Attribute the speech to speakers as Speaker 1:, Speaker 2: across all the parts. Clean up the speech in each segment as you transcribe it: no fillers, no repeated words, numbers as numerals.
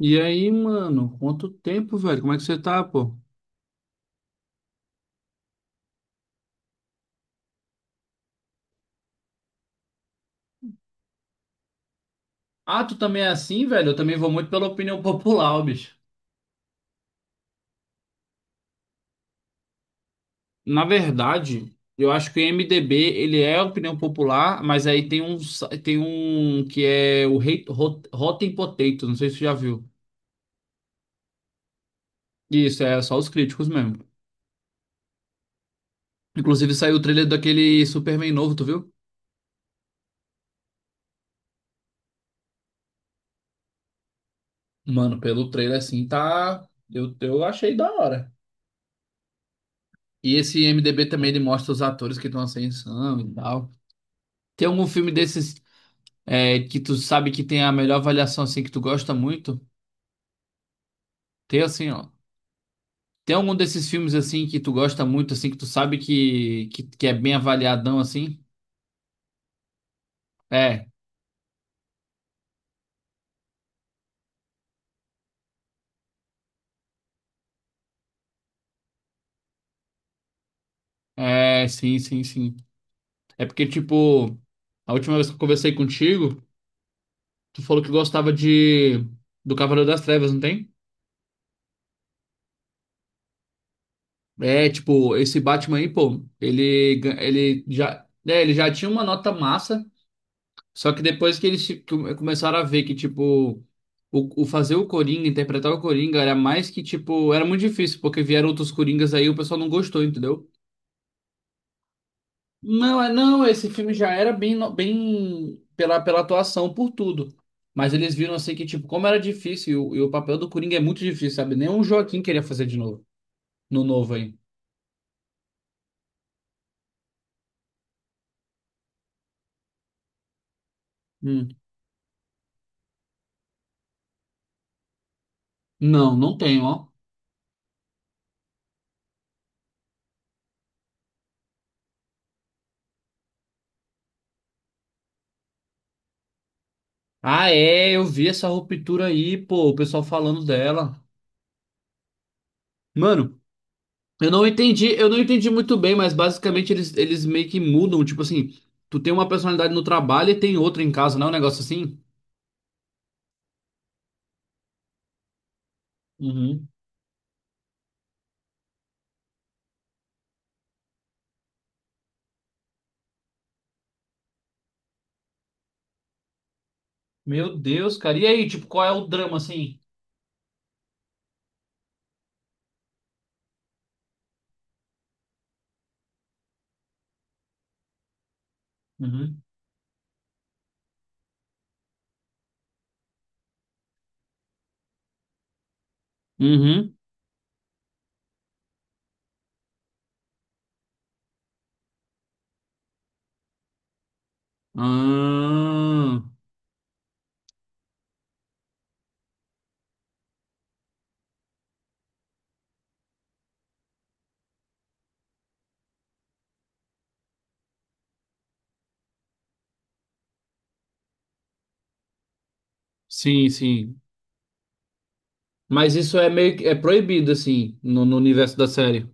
Speaker 1: E aí, mano, quanto tempo, velho? Como é que você tá, pô? Ah, tu também é assim, velho? Eu também vou muito pela opinião popular, ó, bicho. Na verdade, eu acho que o MDB, ele é opinião popular, mas aí tem tem um que é o Rotten Potato, não sei se tu já viu. Isso, é só os críticos mesmo. Inclusive saiu o trailer daquele Superman novo, tu viu? Mano, pelo trailer assim, tá. Eu achei da hora. E esse MDB também, ele mostra os atores que estão em ascensão e tal. Tem algum filme desses que tu sabe que tem a melhor avaliação assim que tu gosta muito? Tem assim, ó. Tem algum desses filmes assim que tu gosta muito assim que tu sabe que é bem avaliadão assim? É. É, sim, sim, sim. É porque tipo, a última vez que eu conversei contigo, tu falou que gostava de do Cavaleiro das Trevas, não tem? É, tipo, esse Batman aí, pô, ele já, ele já tinha uma nota massa. Só que depois que eles tipo, começaram a ver que, tipo, o fazer o Coringa, interpretar o Coringa, era mais que, tipo, era muito difícil, porque vieram outros Coringas aí e o pessoal não gostou, entendeu? Não, não, esse filme já era bem, bem pela, pela atuação, por tudo. Mas eles viram assim que, tipo, como era difícil, e o papel do Coringa é muito difícil, sabe? Nem o Joaquim queria fazer de novo, no novo aí. Hum. Não, não tem, ó. Ah, é, eu vi essa ruptura aí, pô, o pessoal falando dela. Mano. Eu não entendi muito bem, mas basicamente eles meio que mudam, tipo assim, tu tem uma personalidade no trabalho e tem outra em casa, não é um negócio assim? Uhum. Meu Deus, cara. E aí, tipo, qual é o drama assim? Uhum. Uhum. Ah, sim, sim. Mas isso é meio que é proibido assim no, no universo da série.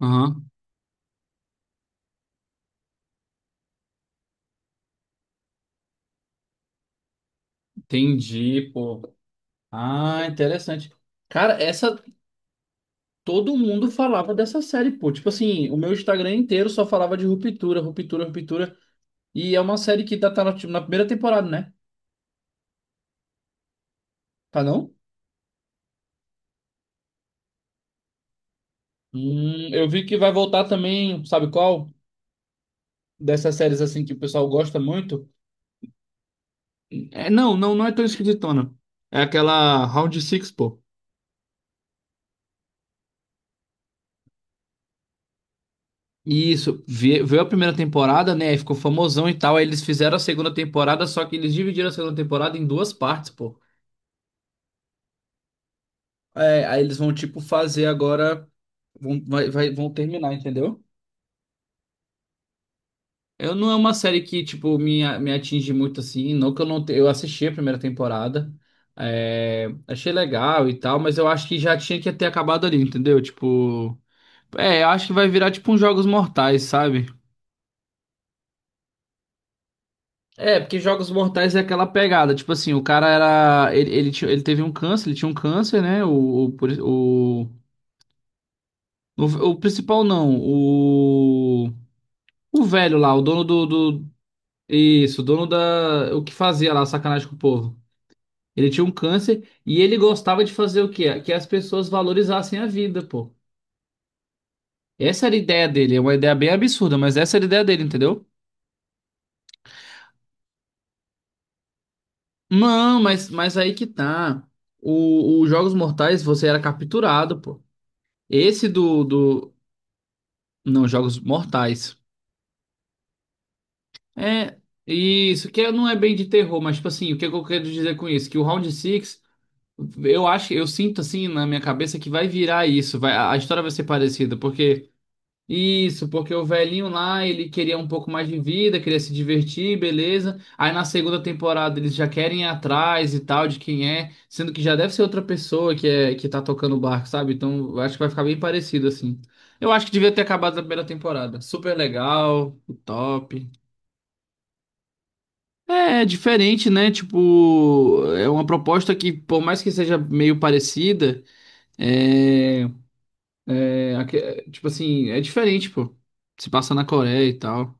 Speaker 1: Aham. Entendi, pô. Ah, interessante. Cara, essa todo mundo falava dessa série, pô. Tipo assim, o meu Instagram inteiro só falava de ruptura, ruptura, ruptura. E é uma série que tá, na primeira temporada, né? Tá não? Eu vi que vai voltar também, sabe qual? Dessas séries assim que o pessoal gosta muito. É, não, não, não é tão esquisitona. É aquela Round Six, pô. Isso, veio a primeira temporada, né? Aí ficou famosão e tal. Aí eles fizeram a segunda temporada, só que eles dividiram a segunda temporada em duas partes, pô. É, aí eles vão, tipo, fazer agora. Vão, vão terminar, entendeu? Eu não é uma série que, tipo, me atinge muito assim. Não que eu não te... Eu assisti a primeira temporada. Achei legal e tal, mas eu acho que já tinha que ter acabado ali, entendeu? Tipo. É, eu acho que vai virar tipo uns Jogos Mortais, sabe? É, porque Jogos Mortais é aquela pegada, tipo assim, o cara era. Ele teve um câncer, ele tinha um câncer, né? O, o principal não, o. O velho lá, o dono do, do. Isso, o dono da. O que fazia lá, sacanagem com o povo. Ele tinha um câncer e ele gostava de fazer o quê? Que as pessoas valorizassem a vida, pô. Essa era a ideia dele, é uma ideia bem absurda, mas essa era a ideia dele, entendeu? Não, mas aí que tá. O Jogos Mortais, você era capturado, pô. Esse do, do... Não, Jogos Mortais. É, isso, que não é bem de terror, mas, tipo assim, o que eu quero dizer com isso? Que o Round Six eu acho, eu sinto, assim, na minha cabeça que vai virar isso. Vai, a história vai ser parecida, porque... Isso, porque o velhinho lá, ele queria um pouco mais de vida, queria se divertir, beleza. Aí na segunda temporada eles já querem ir atrás e tal de quem é, sendo que já deve ser outra pessoa que é que tá tocando o barco, sabe? Então, eu acho que vai ficar bem parecido assim. Eu acho que devia ter acabado na primeira temporada. Super legal, top. É, é diferente, né? Tipo, é uma proposta que, por mais que seja meio parecida, é, é, tipo assim, é diferente, pô. Se passa na Coreia e tal.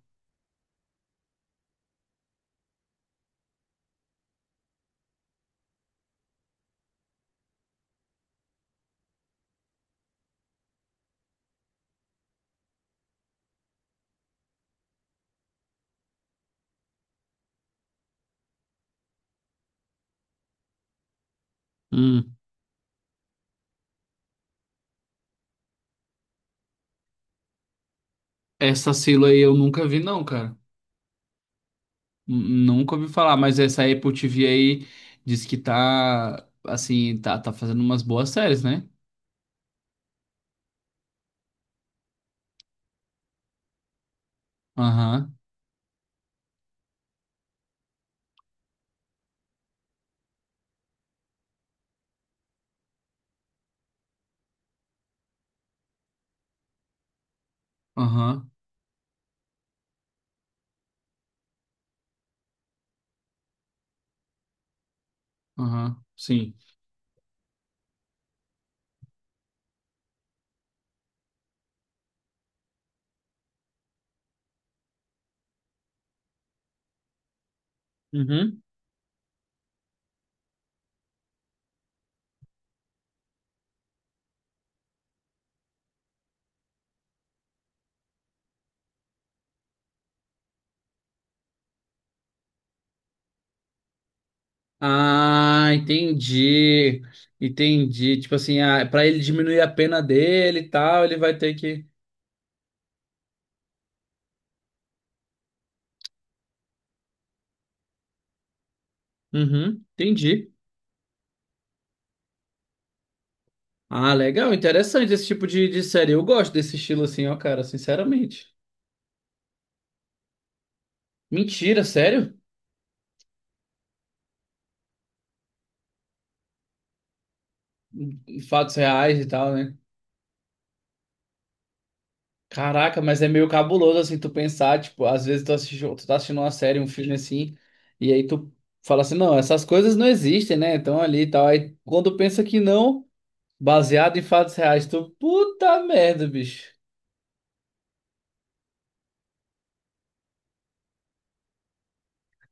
Speaker 1: Hum. Essa Silo aí eu nunca vi, não, cara. Nunca ouvi falar, mas essa Apple TV aí diz que tá, assim, tá fazendo umas boas séries, né? Aham, aham, aham, sim. Uhum. Ah, entendi. Entendi. Tipo assim, ah, pra ele diminuir a pena dele e tal, ele vai ter que. Uhum, entendi. Ah, legal, interessante esse tipo de série. Eu gosto desse estilo assim, ó, cara, sinceramente. Mentira, sério? Fatos reais e tal, né? Caraca, mas é meio cabuloso assim tu pensar, tipo, às vezes tu assiste, tu tá assistindo uma série, um filme assim, e aí tu fala assim, não, essas coisas não existem, né? Então ali e tal. Aí quando pensa que não, baseado em fatos reais, tu, puta merda, bicho.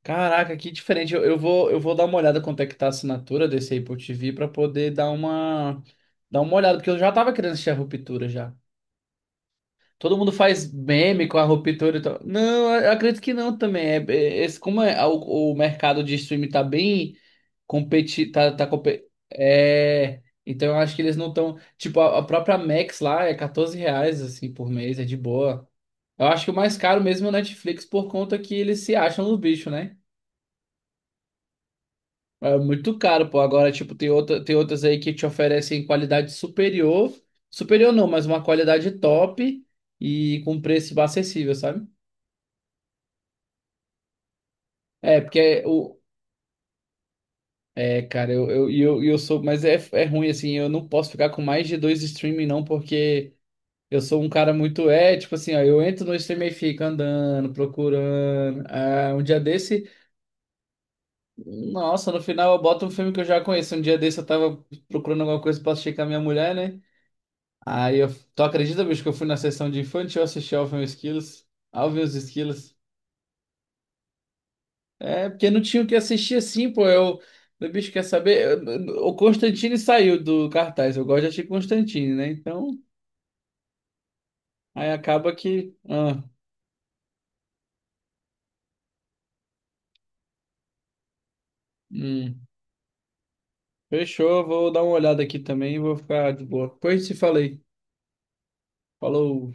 Speaker 1: Caraca, que diferente. Eu vou dar uma olhada quanto é que tá a assinatura desse Apple TV pra poder dar dar uma olhada, porque eu já tava querendo assistir a Ruptura já. Todo mundo faz meme com a ruptura e tal. Não, eu acredito que não também. Como é, o mercado de streaming tá bem competi, tá, tá compe- é, então eu acho que eles não estão. Tipo, a própria Max lá é R$ 14 assim, por mês, é de boa. Eu acho que o mais caro mesmo é o Netflix por conta que eles se acham no bicho, né? É muito caro, pô. Agora, tipo, tem outras aí que te oferecem qualidade superior. Superior não, mas uma qualidade top e com preço acessível, sabe? É, porque é o. É, cara, eu sou. Mas é, é ruim, assim, eu não posso ficar com mais de dois streaming, não, porque eu sou um cara muito. É, tipo assim, ó, eu entro no streaming e fico andando, procurando. Ah, um dia desse, nossa, no final eu boto um filme que eu já conheço. Um dia desse eu tava procurando alguma coisa pra assistir com a minha mulher, né? Aí eu. Tu acredita, bicho, que eu fui na sessão de infantil assistir Alvin e os Esquilos? Alvin e os Esquilos. É, porque não tinha o que assistir assim, pô. Eu, meu bicho quer saber. O Constantine saiu do cartaz. Eu gosto de assistir Constantine, né? Então, aí acaba que. Ah, hum, fechou. Vou dar uma olhada aqui também e vou ficar de boa. Depois te falei. Falou.